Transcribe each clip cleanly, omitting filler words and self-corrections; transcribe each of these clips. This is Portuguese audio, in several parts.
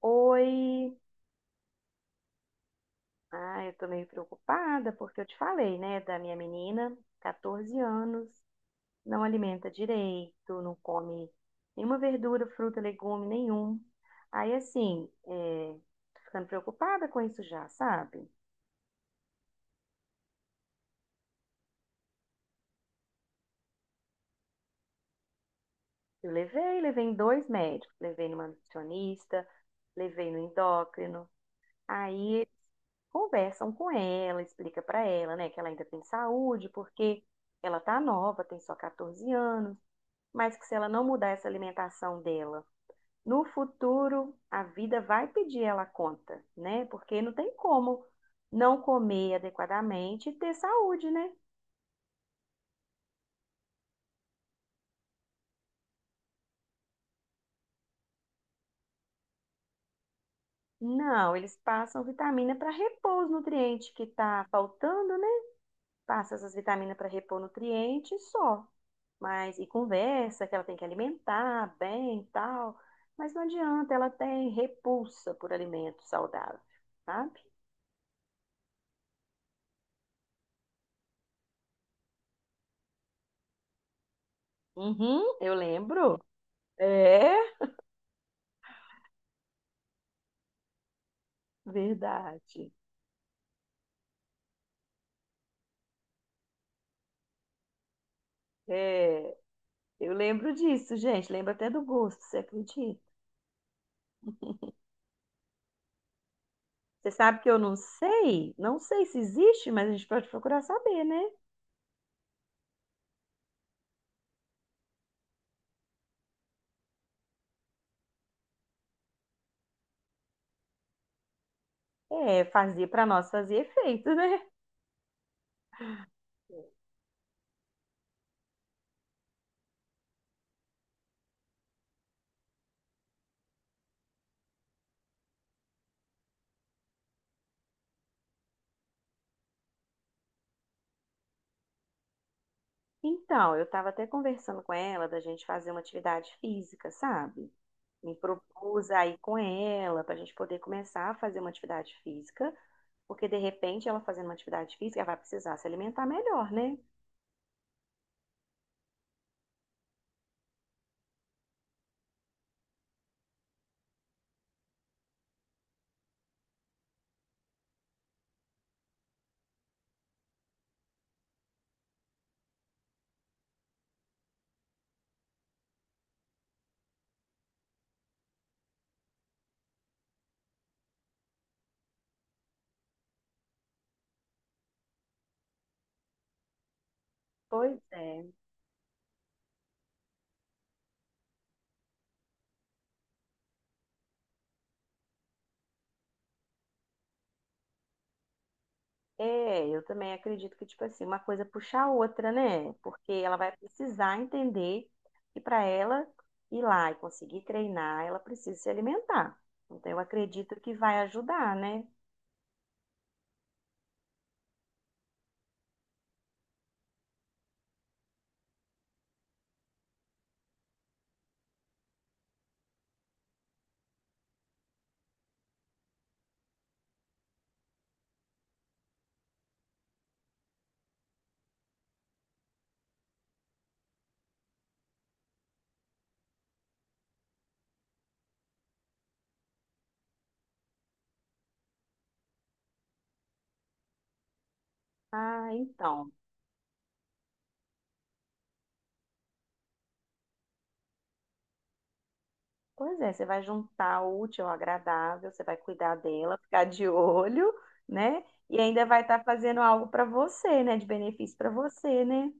Oi, eu tô meio preocupada porque eu te falei, né, da minha menina, 14 anos, não alimenta direito, não come nenhuma verdura, fruta, legume nenhum. Aí, assim, tô ficando preocupada com isso já, sabe? Eu levei, levei em 2 médicos, levei numa nutricionista, levei no endócrino. Aí conversam com ela, explica pra ela, né, que ela ainda tem saúde, porque ela tá nova, tem só 14 anos, mas que se ela não mudar essa alimentação dela, no futuro a vida vai pedir ela conta, né? Porque não tem como não comer adequadamente e ter saúde, né? Não, eles passam vitamina para repor os nutrientes que tá faltando, né? Passa essas vitaminas para repor nutrientes só. Mas e conversa que ela tem que alimentar bem e tal. Mas não adianta, ela tem repulsa por alimento saudável, sabe? Uhum, eu lembro. É, verdade. É, eu lembro disso, gente. Lembro até do gosto, você acredita? Você sabe que eu não sei? Não sei se existe, mas a gente pode procurar saber, né? É, fazer para nós fazer efeito, né? Então, eu estava até conversando com ela da gente fazer uma atividade física, sabe? Me propus aí com ela para a gente poder começar a fazer uma atividade física, porque de repente ela fazendo uma atividade física ela vai precisar se alimentar melhor, né? Pois é. É, eu também acredito que, tipo assim, uma coisa puxa a outra, né? Porque ela vai precisar entender que para ela ir lá e conseguir treinar, ela precisa se alimentar. Então, eu acredito que vai ajudar, né? Ah, então. Pois é, você vai juntar o útil ao agradável, você vai cuidar dela, ficar de olho, né? E ainda vai estar fazendo algo para você, né? De benefício para você, né?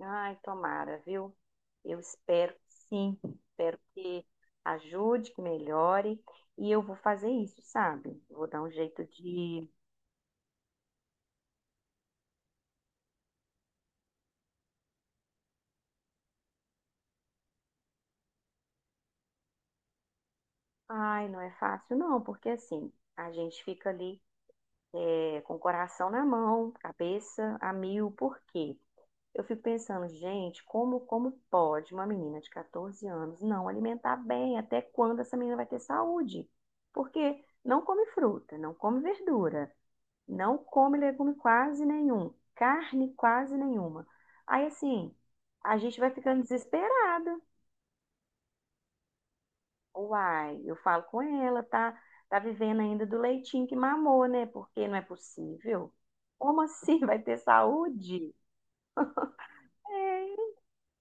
Ai, tomara, viu? Eu espero que sim, espero que ajude, que melhore, e eu vou fazer isso, sabe? Vou dar um jeito de. Ai, não é fácil, não, porque assim, a gente fica ali com o coração na mão, cabeça a mil, por quê? Eu fico pensando, gente, como, como pode uma menina de 14 anos não alimentar bem? Até quando essa menina vai ter saúde? Porque não come fruta, não come verdura, não come legume quase nenhum, carne quase nenhuma. Aí assim, a gente vai ficando desesperada. Uai, eu falo com ela, tá, tá vivendo ainda do leitinho que mamou, né? Porque não é possível. Como assim vai ter saúde? É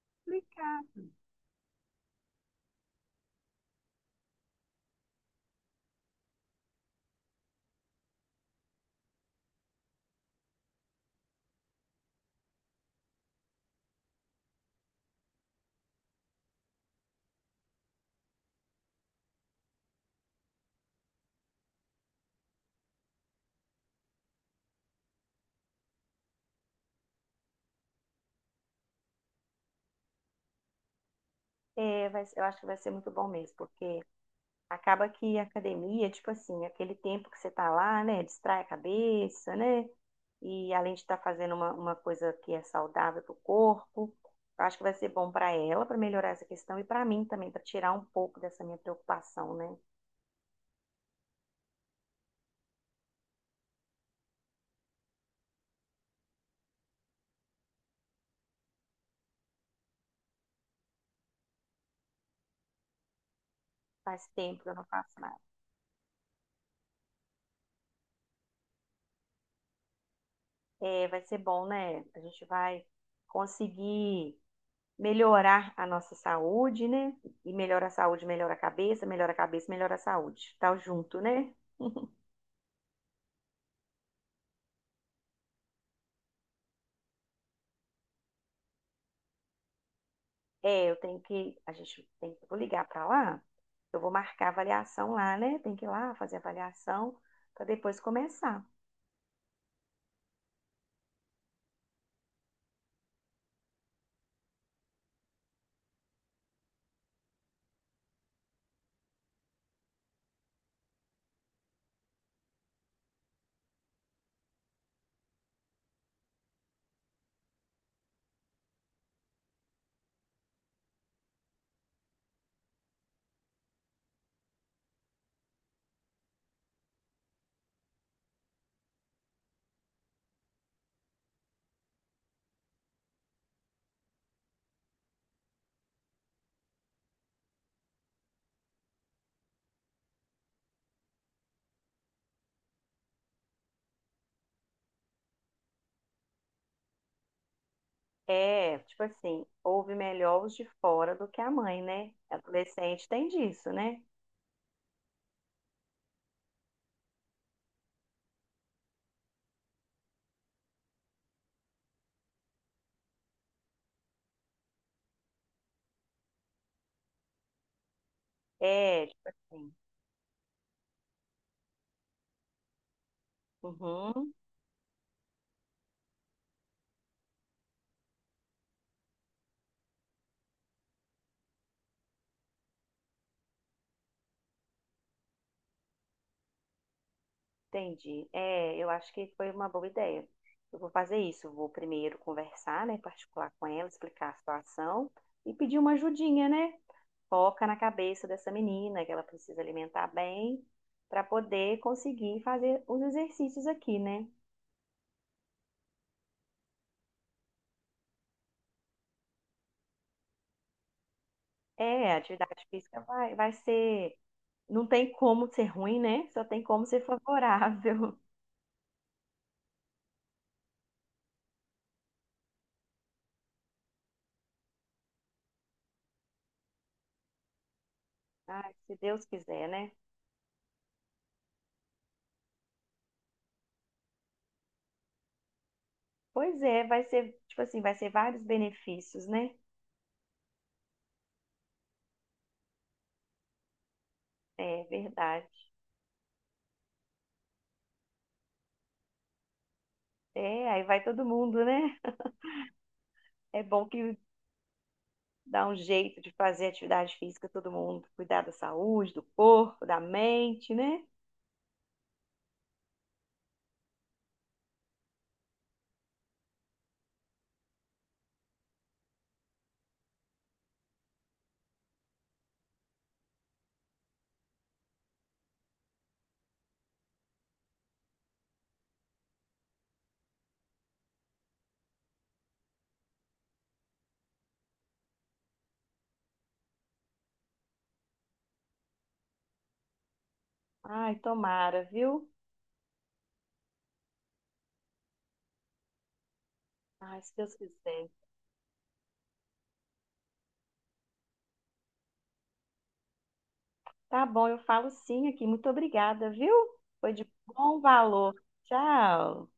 complicado. É, eu acho que vai ser muito bom mesmo, porque acaba que a academia, tipo assim, aquele tempo que você tá lá, né, distrai a cabeça, né? E além de estar fazendo uma coisa que é saudável para o corpo, eu acho que vai ser bom para ela, para melhorar essa questão, e para mim também, para tirar um pouco dessa minha preocupação, né? Faz tempo que eu não faço nada. É, vai ser bom, né? A gente vai conseguir melhorar a nossa saúde, né? E melhora a saúde, melhora a cabeça, melhora a cabeça, melhora a saúde. Tá junto, né? É, eu tenho que, a gente tem que, vou ligar para lá, eu vou marcar a avaliação lá, né? Tem que ir lá fazer a avaliação para depois começar. É, tipo assim, ouve melhor os de fora do que a mãe, né? Adolescente tem disso, né? É, tipo assim. Uhum, entendi. É, eu acho que foi uma boa ideia. Eu vou fazer isso. Eu vou primeiro conversar, né, particular com ela, explicar a situação e pedir uma ajudinha, né? Foca na cabeça dessa menina que ela precisa alimentar bem para poder conseguir fazer os exercícios aqui, né? É, a atividade física vai ser. Não tem como ser ruim, né? Só tem como ser favorável. Ah, se Deus quiser, né? Pois é, vai ser, tipo assim, vai ser vários benefícios, né? É verdade. É, aí vai todo mundo, né? É bom que dá um jeito de fazer atividade física todo mundo, cuidar da saúde, do corpo, da mente, né? Ai, tomara, viu? Ai, se Deus quiser. Tá bom, eu falo sim aqui. Muito obrigada, viu? Foi de bom valor. Tchau.